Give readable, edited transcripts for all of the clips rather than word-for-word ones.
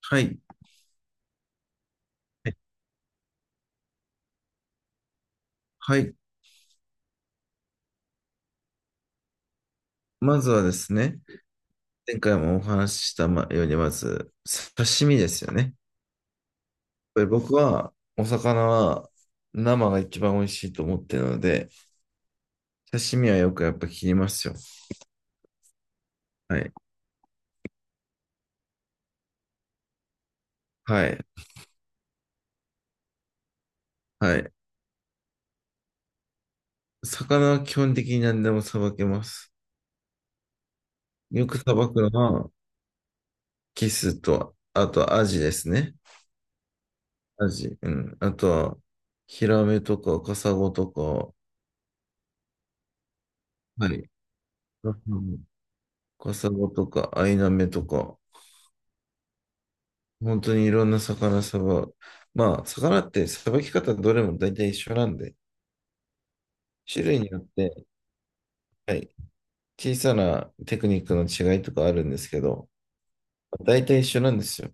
はい。はい。まずはですね、前回もお話ししたまように、まず、刺身ですよね。やっぱり僕は、お魚は生が一番美味しいと思ってるので、刺身はよくやっぱ切りますよ。はい。はい。はい。魚は基本的に何でもさばけます。よくさばくのは、キスと、あとアジですね。アジ。うん。あとは、ヒラメとか、カサゴとか、はい。カサゴとか、アイナメとか、本当にいろんな魚さば、まあ、魚ってさばき方どれも大体一緒なんで、種類によって、はい、小さなテクニックの違いとかあるんですけど、大体一緒なんですよ。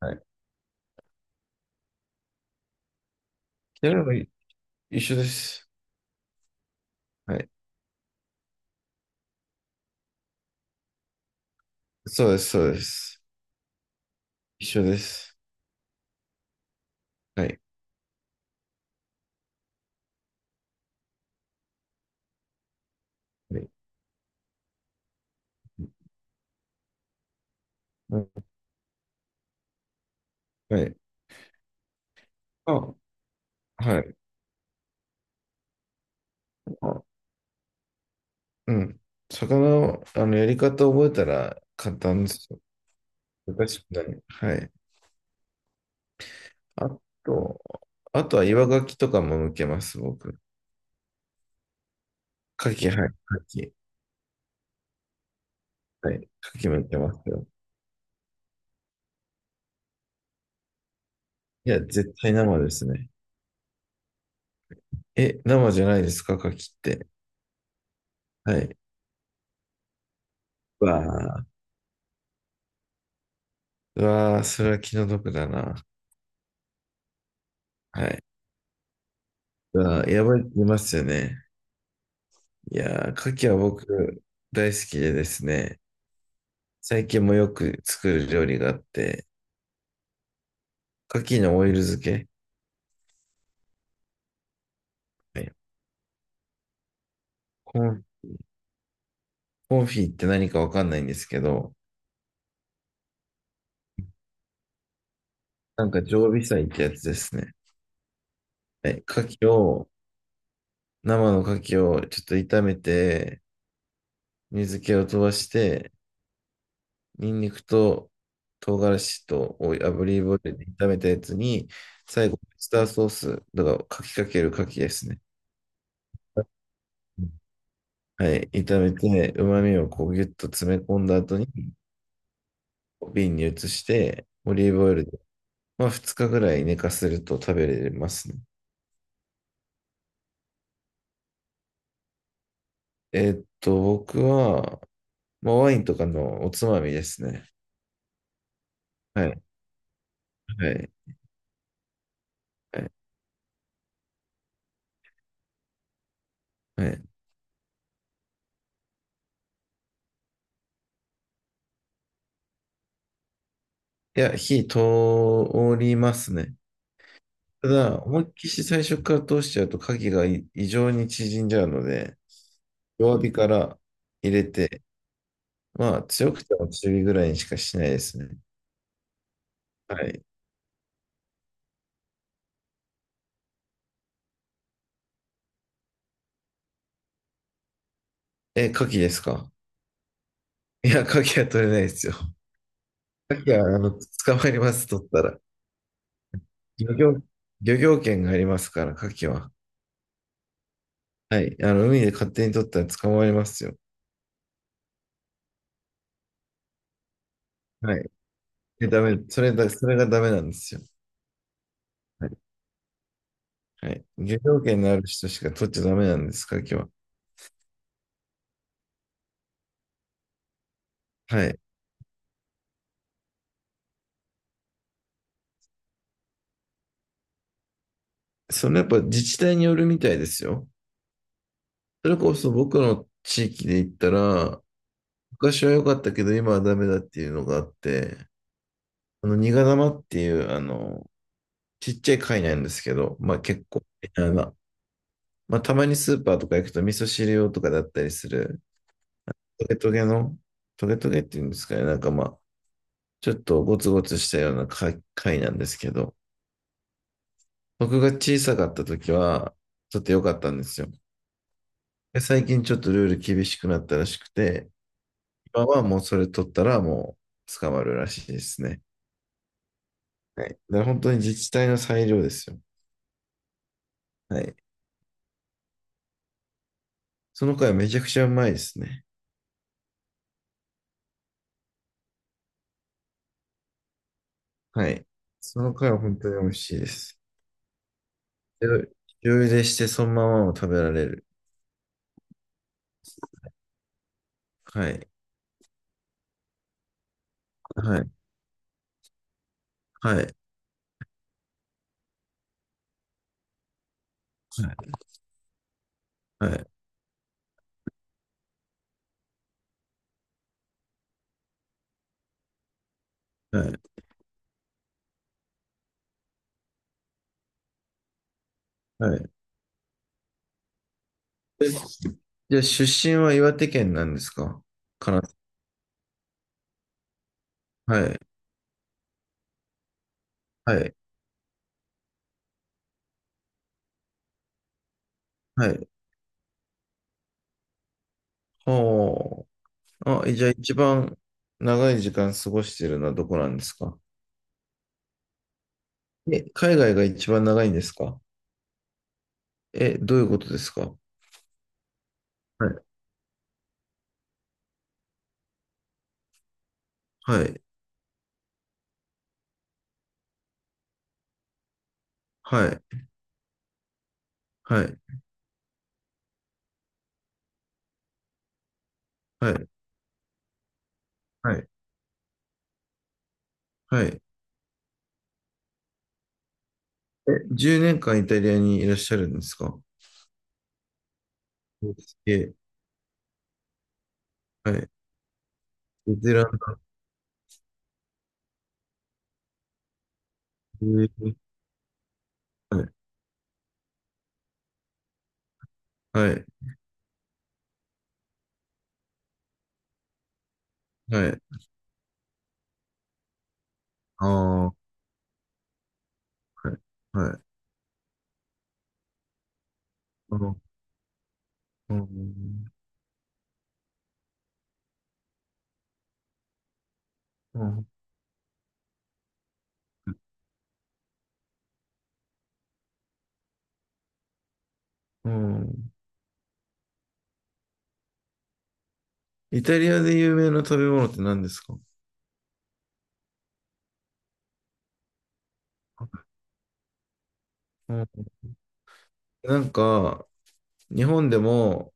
はい。それも一緒です。はい。そうです、そうです。一緒です。はい。はい。はい。あ、はい。あ、うん。魚の、あの、やり方覚えたら簡単ですよ。難しくない。はい。あと、あとは岩牡蠣とかも向けます、僕。牡蠣、はい。牡蠣。はい。牡蠣もいけますよ。いや、絶対生ですね。え、生じゃないですか、牡蠣って？はい。うわあ、うわあ、それは気の毒だな。はい。うわあ、やばいって言いますよね。いやー、牡蠣は僕大好きでですね、最近もよく作る料理があって、牡蠣のオイル漬け、はいコン、コンフィって何かわかんないんですけど、なんか常備菜ってやつですね。はい、牡蠣を、生の牡蠣をちょっと炒めて、水気を飛ばして、ニンニクと唐辛子と炙りオイルで炒めたやつに、最後、オイスターソース、だから、かきかけるかきですね。うんはい、炒めて、旨味をこうギュッと詰め込んだ後に、瓶に移して、オリーブオイルで、まあ、2日ぐらい寝かせると食べれますね。僕は、まあ、ワインとかのおつまみですね。はい、はい、はい。はいいや、火通りますね。ただ、思いっきし最初から通しちゃうと影がい異常に縮んじゃうので、弱火から入れて、まあ強くても中火ぐらいにしかしないですね。はい。え、牡蠣ですか？ いや、牡蠣は取れないですよ。牡蠣は、あの、捕まえます、取ったら。漁業、漁業権がありますから、牡蠣は。はい。あの、海で勝手に取ったら捕まりますよ。はい。で、ダメ、それだ、それがダメなんですよ。はい。はい。漁業権のある人しか取っちゃダメなんです、牡蠣は。はい。そのやっぱ自治体によるみたいですよ。それこそ僕の地域で言ったら、昔は良かったけど今はダメだっていうのがあって、あの、ニガ玉っていう、あの、ちっちゃい貝なんですけど、まあ結構、あのまあたまにスーパーとか行くと味噌汁用とかだったりする、トゲトゲの、トゲトゲっていうんですかね、なんかまあ、ちょっとゴツゴツしたような貝なんですけど、僕が小さかった時は、ちょっと良かったんですよ。で最近ちょっとルール厳しくなったらしくて、今はもうそれ取ったらもう捕まるらしいですね。はい。だから本当に自治体の裁量ですよ。はい。その貝めちゃくちゃうまいですね。はい。その貝は本当に美味しいです。醤油でしてそのままも食べられる。はい。はい。はい。はい。はい。はい。えじゃあ出身は岩手県なんですか？かな。はい。はい。はい。ほう。あ、じゃあ一番長い時間過ごしてるのはどこなんですか？え、海外が一番長いんですか？え、どういうことですか？はい、はい、はい、はい、はい、はい、はい。え、10年間イタリアにいらっしゃるんですか？え、はい。ベテランではい、はい、はい。ああ、はい、はい。うん、うん、うん、うん。イタリアで有名な食べ物って何ですか？うん、なんか、日本でも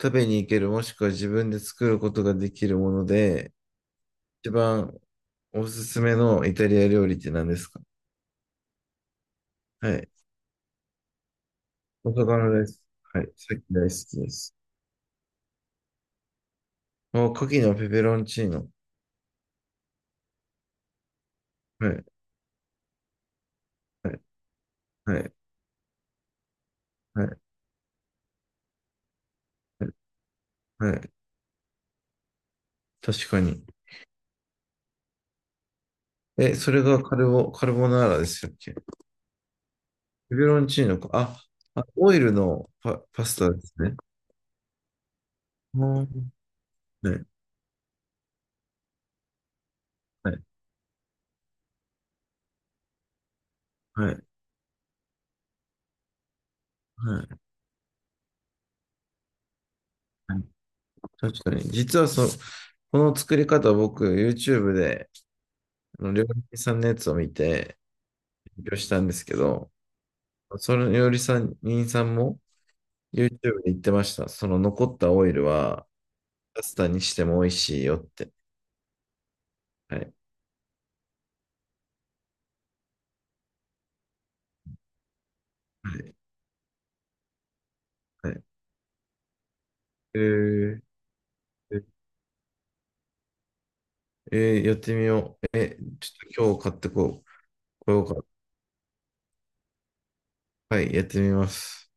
食べに行ける、もしくは自分で作ることができるもので、一番おすすめのイタリア料理って何ですか？はい。お魚です。はい。さっき大好きです。お、牡蠣のペペロンチーノ。はい。はい。はい。はい。はいはい確かに。え、それがカルボ、カルボナーラでしたっけ？ペペロンチーノか。あ、あ、オイルのパ、パスタですね。うんはい。はい。はい。はい。はい確かに。実はそ、この作り方僕、YouTube で、あの料理人さんのやつを見て、勉強したんですけど、そのよりさん、りさんも YouTube で言ってました。その残ったオイルはパスタにしても美味しいよって。はい。はい。はいえー、やってみよう。え、ちょっと今日買ってこう。こようか。はい、やってみます。